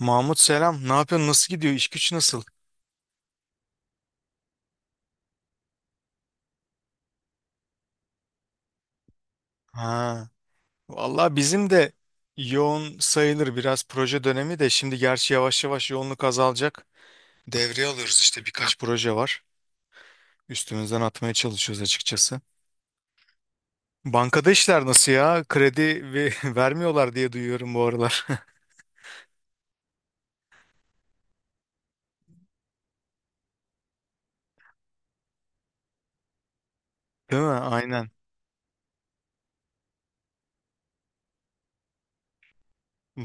Mahmut selam. Ne yapıyorsun? Nasıl gidiyor? İş güç nasıl? Ha. Vallahi bizim de yoğun sayılır, biraz proje dönemi de şimdi, gerçi yavaş yavaş yoğunluk azalacak. Devreye alıyoruz işte, birkaç proje var. Üstümüzden atmaya çalışıyoruz açıkçası. Bankada işler nasıl ya? Kredi ve vermiyorlar diye duyuyorum bu aralar. Değil mi? Aynen.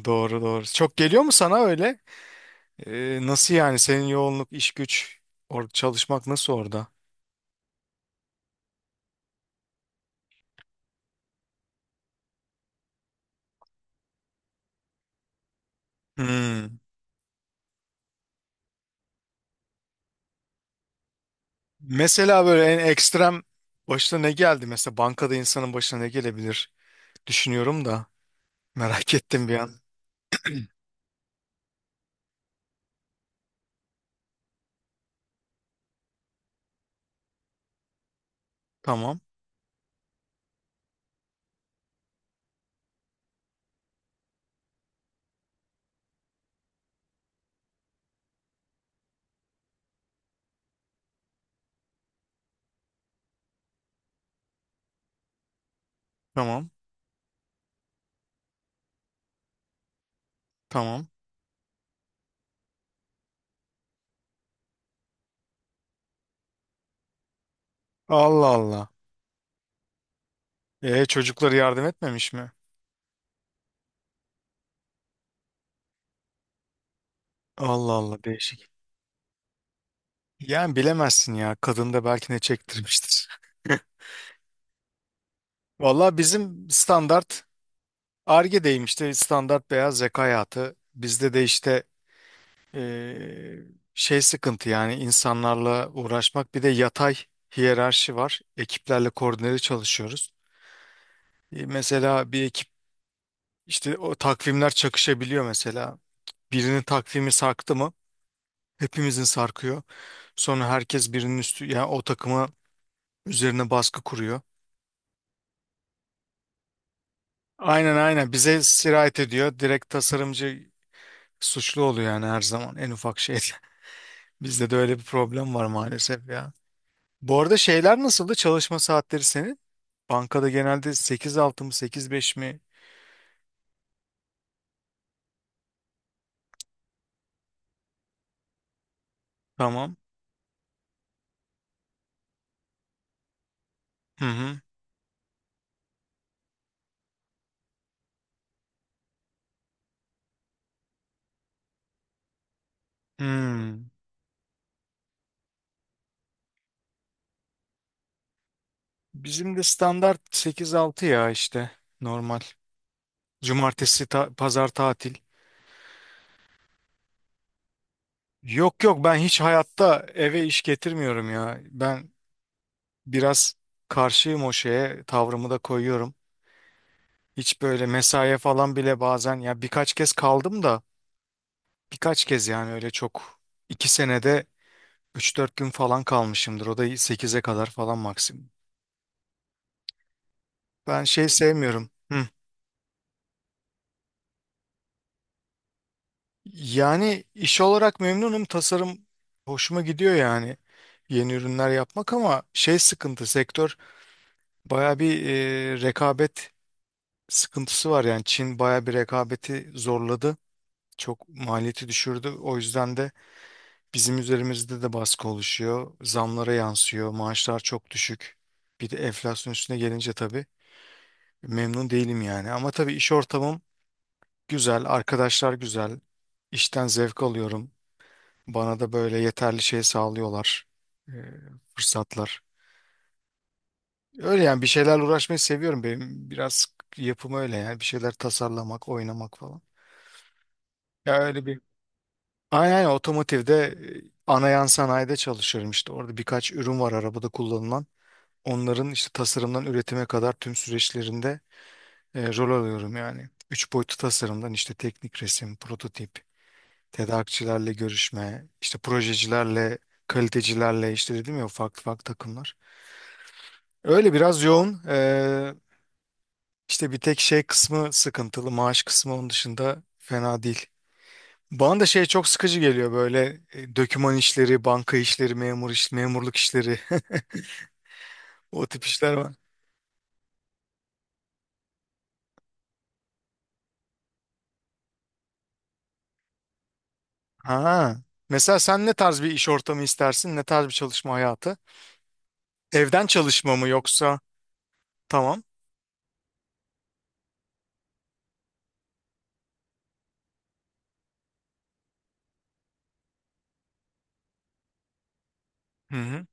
Doğru doğru. Çok geliyor mu sana öyle? Nasıl yani? Senin yoğunluk, iş güç, orada çalışmak nasıl orada? Hmm. Mesela böyle en ekstrem başına ne geldi? Mesela bankada insanın başına ne gelebilir? Düşünüyorum da merak ettim bir an. Tamam, tamam, tamam. Allah Allah. E, çocuklara yardım etmemiş mi? Allah Allah, değişik. Yani bilemezsin ya. Kadın da belki ne çektirmiştir. Valla bizim standart Ar-Ge'deyim işte, standart beyaz yaka hayatı. Bizde de işte, Ee, şey sıkıntı yani, insanlarla uğraşmak. Bir de yatay hiyerarşi var. Ekiplerle koordineli çalışıyoruz. Mesela bir ekip işte, o takvimler çakışabiliyor mesela. Birinin takvimi sarktı mı hepimizin sarkıyor. Sonra herkes birinin üstü, yani o takıma üzerine baskı kuruyor. Aynen aynen, bize sirayet ediyor. Direkt tasarımcı suçlu oluyor yani, her zaman en ufak şeyde. Bizde de öyle bir problem var maalesef ya. Bu arada şeyler nasıldı? Çalışma saatleri senin? Bankada genelde 8-6 mı, 8-5 mi? Tamam. Hı hı. Hmm. Bizim de standart 8-6 ya işte, normal. Cumartesi pazar tatil. Yok yok, ben hiç hayatta eve iş getirmiyorum ya. Ben biraz karşıyım o şeye, tavrımı da koyuyorum. Hiç böyle mesaiye falan bile, bazen ya birkaç kez kaldım da, birkaç kez yani öyle çok, 2 senede 3-4 gün falan kalmışımdır. O da 8'e kadar falan, maksimum. Ben şey sevmiyorum. Hı. Yani iş olarak memnunum. Tasarım hoşuma gidiyor yani. Yeni ürünler yapmak, ama şey sıkıntı sektör, baya bir rekabet sıkıntısı var yani. Çin baya bir rekabeti zorladı. Çok maliyeti düşürdü. O yüzden de bizim üzerimizde de baskı oluşuyor. Zamlara yansıyor. Maaşlar çok düşük. Bir de enflasyon üstüne gelince tabii memnun değilim yani. Ama tabii iş ortamım güzel, arkadaşlar güzel. İşten zevk alıyorum. Bana da böyle yeterli şey sağlıyorlar. e, fırsatlar. Öyle yani, bir şeylerle uğraşmayı seviyorum. Benim biraz yapım öyle yani. Bir şeyler tasarlamak, oynamak falan. Ya öyle bir... Aynen aynen, otomotivde ana yan sanayide çalışıyorum işte. Orada birkaç ürün var arabada kullanılan. Onların işte tasarımdan üretime kadar tüm süreçlerinde rol alıyorum yani. Üç boyutlu tasarımdan işte teknik resim, prototip, tedarikçilerle görüşme, işte projecilerle, kalitecilerle işte, dedim ya, farklı farklı takımlar. Öyle biraz yoğun. İşte bir tek şey kısmı sıkıntılı. Maaş kısmı onun dışında fena değil. Bana da şey çok sıkıcı geliyor böyle, döküman işleri, banka işleri, memur iş, memurluk işleri. O tip işler var. Ha. Mesela sen ne tarz bir iş ortamı istersin? Ne tarz bir çalışma hayatı? Evden çalışma mı yoksa? Tamam. Hı hı.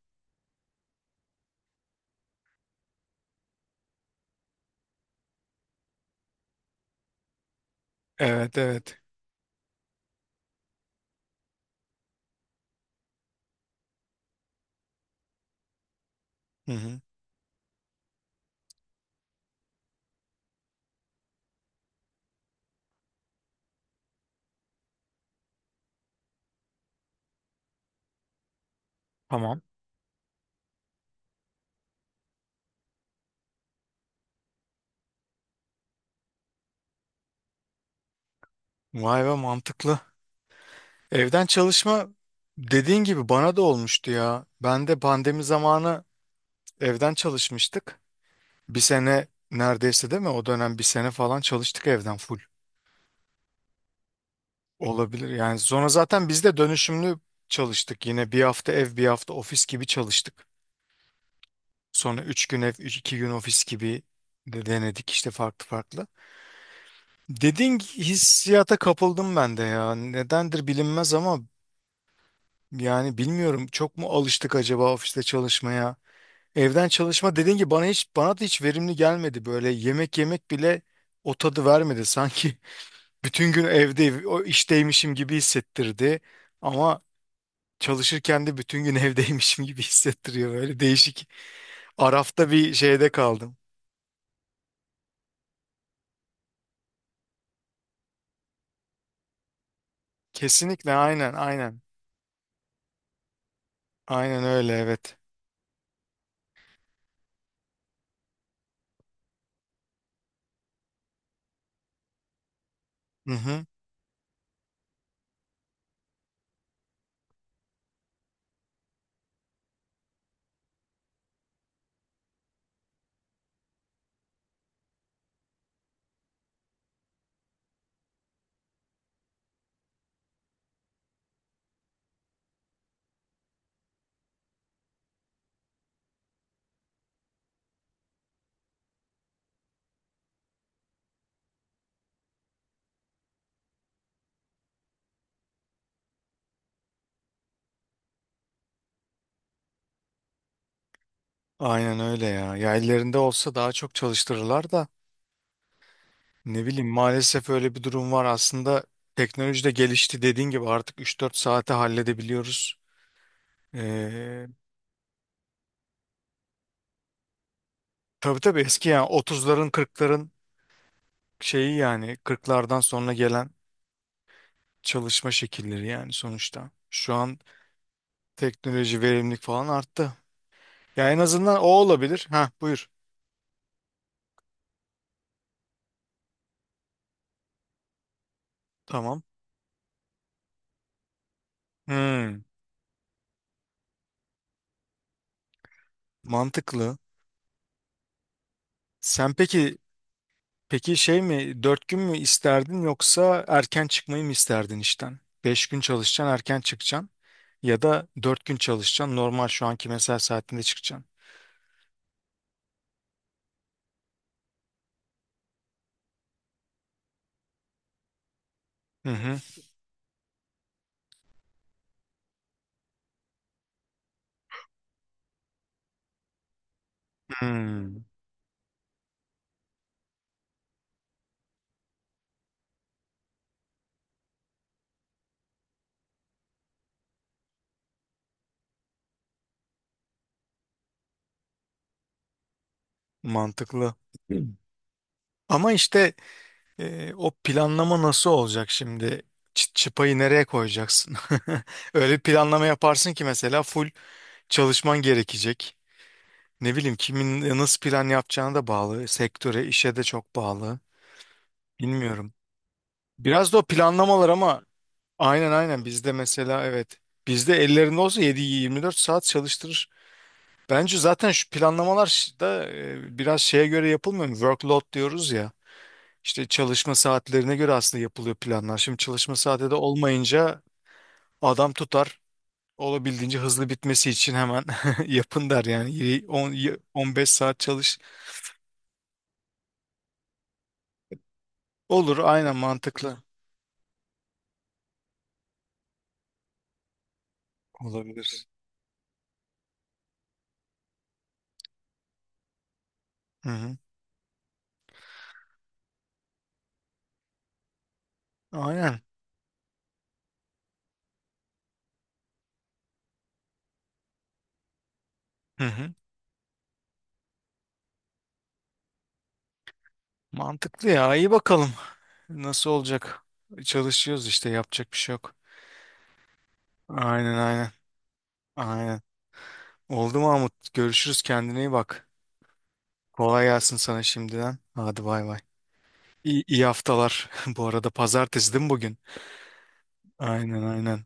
Evet, evet. Hı hı. Tamam. Vay be, mantıklı. Evden çalışma dediğin gibi bana da olmuştu ya. Ben de pandemi zamanı evden çalışmıştık. Bir sene neredeyse değil mi? O dönem bir sene falan çalıştık evden full. Olabilir yani. Sonra zaten biz de dönüşümlü çalıştık. Yine bir hafta ev, bir hafta ofis gibi çalıştık. Sonra üç gün ev, üç, iki gün ofis gibi de denedik işte, farklı farklı. Dediğin hissiyata kapıldım ben de ya. Nedendir bilinmez ama, yani bilmiyorum, çok mu alıştık acaba ofiste çalışmaya? Evden çalışma dediğin gibi bana da hiç verimli gelmedi. Böyle yemek yemek bile o tadı vermedi sanki. Bütün gün evde, o işteymişim gibi hissettirdi. Ama çalışırken de bütün gün evdeymişim gibi hissettiriyor. Böyle değişik. Arafta bir şeyde kaldım. Kesinlikle, aynen aynen. Aynen öyle, evet. Hı hı. Aynen öyle ya. Ya ellerinde olsa daha çok çalıştırırlar da. Ne bileyim, maalesef öyle bir durum var. Aslında teknoloji de gelişti, dediğin gibi artık 3-4 saate halledebiliyoruz. Ee, tabii tabii, eski yani 30'ların 40'ların şeyi, yani 40'lardan sonra gelen çalışma şekilleri yani, sonuçta. Şu an teknoloji, verimlilik falan arttı. Ya en azından o olabilir. Ha, buyur. Tamam. Hmm, mantıklı. Sen peki peki şey mi, 4 gün mü isterdin yoksa erken çıkmayı mı isterdin işten? 5 gün çalışacaksın, erken çıkacaksın, ya da 4 gün çalışacaksın, normal şu anki mesai saatinde çıkacaksın. Hı hı. Hmm, mantıklı. Ama işte, o planlama nasıl olacak şimdi? Çıpayı nereye koyacaksın? Öyle bir planlama yaparsın ki, mesela full çalışman gerekecek. Ne bileyim, kimin nasıl plan yapacağına da bağlı. Sektöre, işe de çok bağlı. Bilmiyorum. Biraz da o planlamalar ama, aynen aynen bizde mesela, evet. Bizde ellerinde olsa 7-24 saat çalıştırır. Bence zaten şu planlamalar da biraz şeye göre yapılmıyor mu? Workload diyoruz ya. İşte çalışma saatlerine göre aslında yapılıyor planlar. Şimdi çalışma saati de olmayınca adam tutar. Olabildiğince hızlı bitmesi için hemen yapın der yani. 15 saat çalış. Olur, aynen, mantıklı. Olabilir. Hı hı. Aynen. Hı hı. Mantıklı ya. İyi bakalım. Nasıl olacak? Çalışıyoruz işte, yapacak bir şey yok. Aynen aynen. Aynen. Oldu Mahmut. Görüşürüz. Kendine iyi bak. Kolay gelsin sana şimdiden. Hadi bay bay. İyi haftalar. Bu arada pazartesi değil mi bugün? Aynen aynen.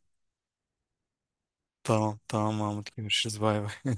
Tamam tamam Mahmut. Görüşürüz. Bay bay.